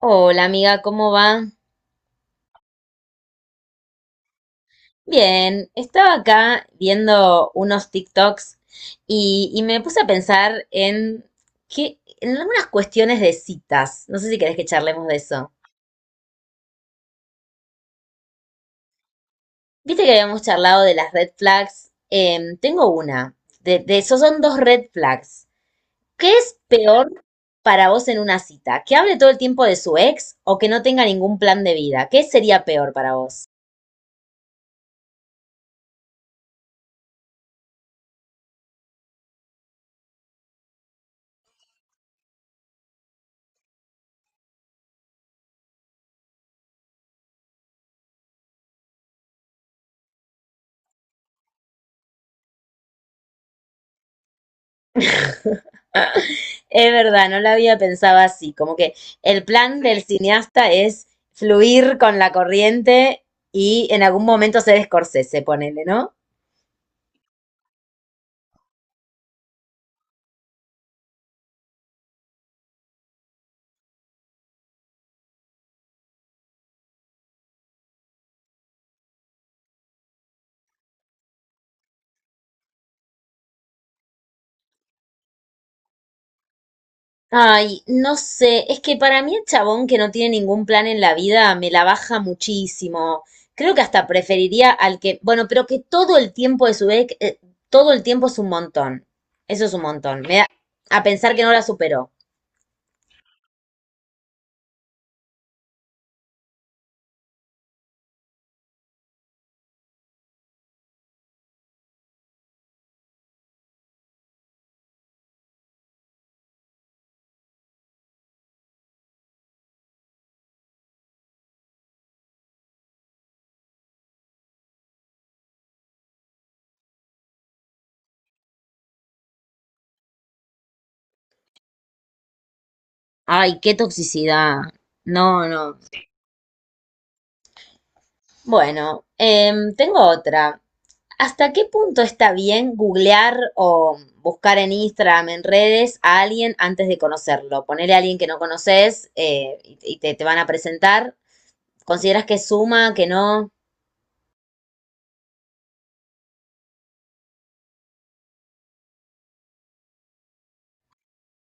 Hola amiga, ¿cómo va? Bien, estaba acá viendo unos TikToks y me puse a pensar en que en algunas cuestiones de citas. No sé si querés que charlemos de eso. Viste que habíamos charlado de las red flags. Tengo una. De esos son dos red flags. ¿Qué es peor para vos en una cita? ¿Que hable todo el tiempo de su ex o que no tenga ningún plan de vida? ¿Qué sería peor para vos? Es verdad, no la había pensado así, como que el plan del cineasta es fluir con la corriente y en algún momento ser Scorsese, ponele, ¿no? Ay, no sé, es que para mí el chabón que no tiene ningún plan en la vida me la baja muchísimo. Creo que hasta preferiría al que, bueno, pero que todo el tiempo de su vez, todo el tiempo es un montón. Eso es un montón. Me da a pensar que no la superó. Ay, qué toxicidad. No, no. Bueno, tengo otra. ¿Hasta qué punto está bien googlear o buscar en Instagram, en redes, a alguien antes de conocerlo? Ponerle a alguien que no conoces, y te van a presentar. ¿Consideras que suma, que no?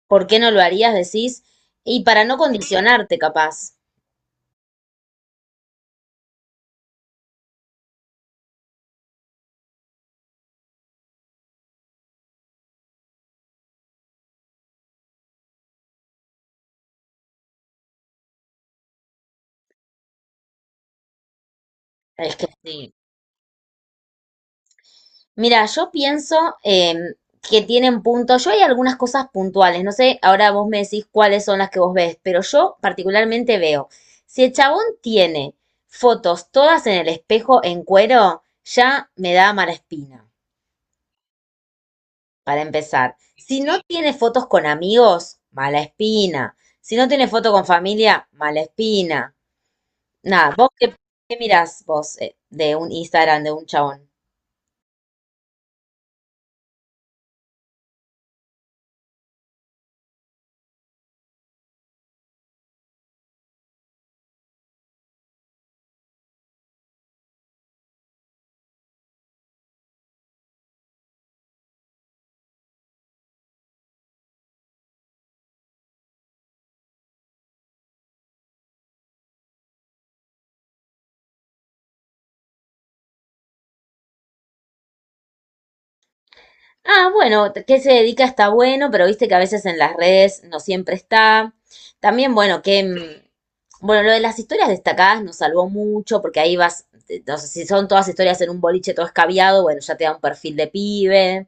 ¿Por qué no lo harías, decís? Y para no condicionarte, capaz. Es que sí. Mira, yo pienso, que tienen puntos. Yo hay algunas cosas puntuales. No sé, ahora vos me decís cuáles son las que vos ves, pero yo particularmente veo. Si el chabón tiene fotos todas en el espejo en cuero, ya me da mala espina, para empezar. Si no tiene fotos con amigos, mala espina. Si no tiene foto con familia, mala espina. Nada, vos qué, qué mirás vos, de un Instagram de un chabón. Ah, bueno, ¿qué se dedica? Está bueno, pero viste que a veces en las redes no siempre está. También, bueno, bueno, lo de las historias destacadas nos salvó mucho porque ahí vas, no sé si son todas historias en un boliche todo escabiado, bueno, ya te da un perfil de pibe.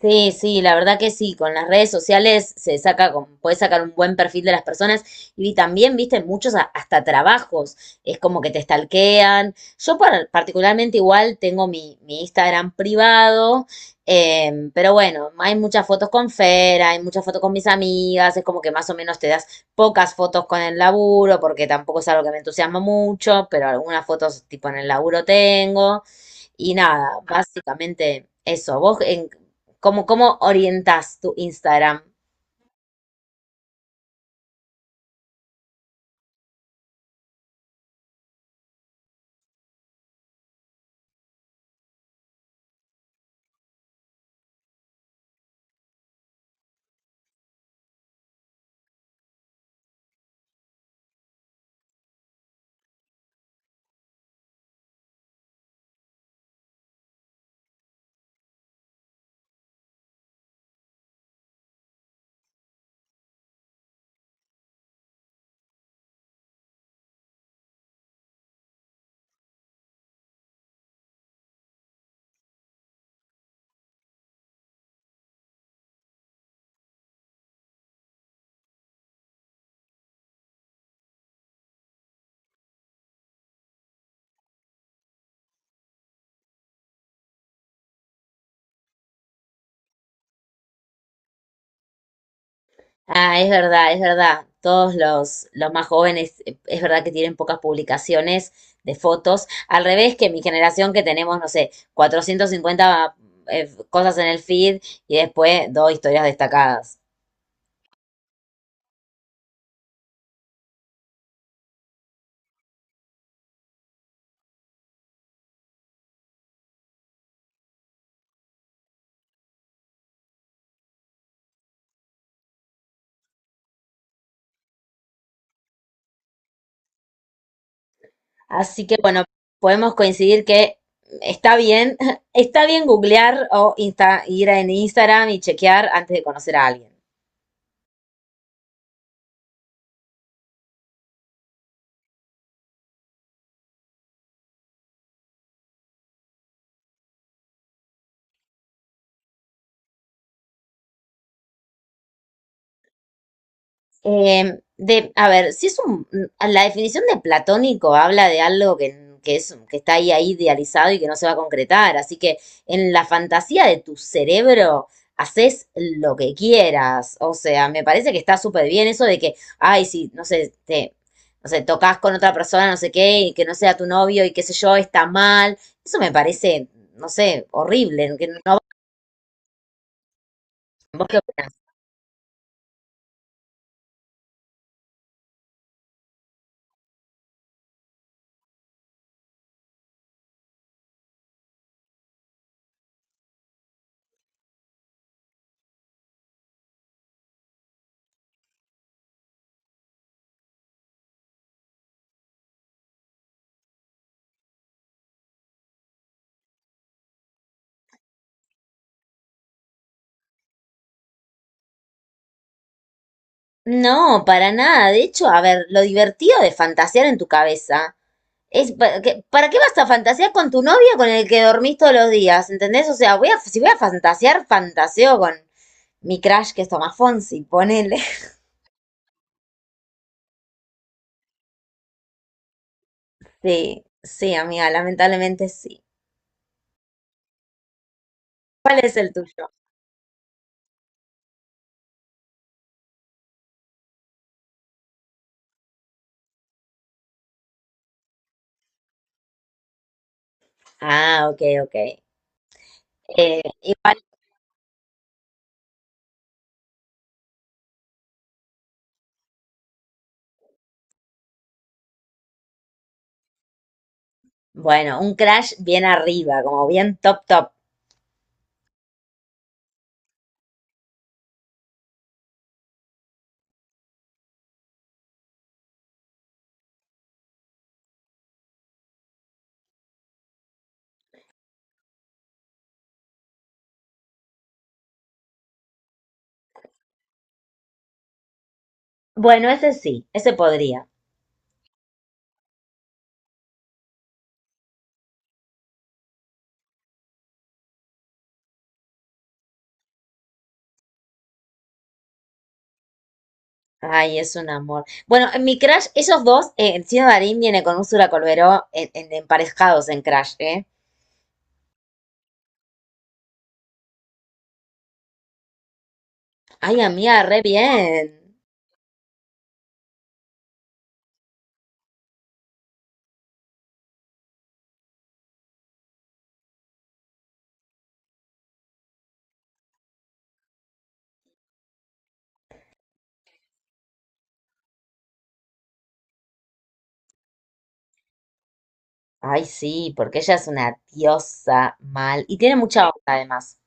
Sí, sí, la verdad que sí, con las redes sociales se saca, con, puedes sacar un buen perfil de las personas y también, viste, muchos a- hasta trabajos, es como que te stalkean. Yo par- particularmente igual tengo mi Instagram privado, pero bueno, hay muchas fotos con Fera, hay muchas fotos con mis amigas, es como que más o menos te das pocas fotos con el laburo, porque tampoco es algo que me entusiasma mucho, pero algunas fotos tipo en el laburo tengo. Y nada, básicamente eso. ¿Vos en ¿cómo, cómo orientás tu Instagram? Ah, es verdad, es verdad. Todos los más jóvenes, es verdad que tienen pocas publicaciones de fotos. Al revés que mi generación que tenemos, no sé, 450, cosas en el feed y después dos historias destacadas. Así que bueno, podemos coincidir que está bien, está bien googlear o insta- ir en Instagram y chequear antes de conocer a alguien. De, a ver, si es un, la definición de platónico habla de algo que es, que está ahí, ahí idealizado y que no se va a concretar. Así que en la fantasía de tu cerebro haces lo que quieras. O sea, me parece que está súper bien eso de que, ay, si, no sé, te, no sé, tocas con otra persona, no sé qué, y que no sea tu novio y qué sé yo, está mal. Eso me parece, no sé, horrible. Que no, no, ¿vos qué opinás? No, para nada. De hecho, a ver, lo divertido de fantasear en tu cabeza es, pa- que- ¿para qué vas a fantasear con tu novio con el que dormís todos los días? ¿Entendés? O sea, voy a, si voy a fantasear, fantaseo con mi crush que es Tomás Fonsi, ponele. Sí, sí, amiga, lamentablemente sí. ¿Cuál es el tuyo? Ah, ok, ok. Igual, bueno, un crush bien arriba, como bien top, top. Bueno, ese sí, ese podría. Ay, es un amor. Bueno, en mi Crash, esos dos, el Chino Darín viene con Úrsula Colberó en- emparejados en Crash, ¿eh? Ay, amiga, re bien. Ay, sí, porque ella es una diosa mal. Y tiene mucha onda además.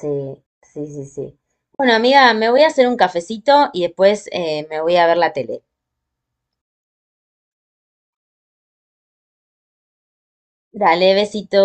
Sí, sí, sí, sí. Bueno, amiga, me voy a hacer un cafecito y después, me voy a ver la tele. Dale, besito.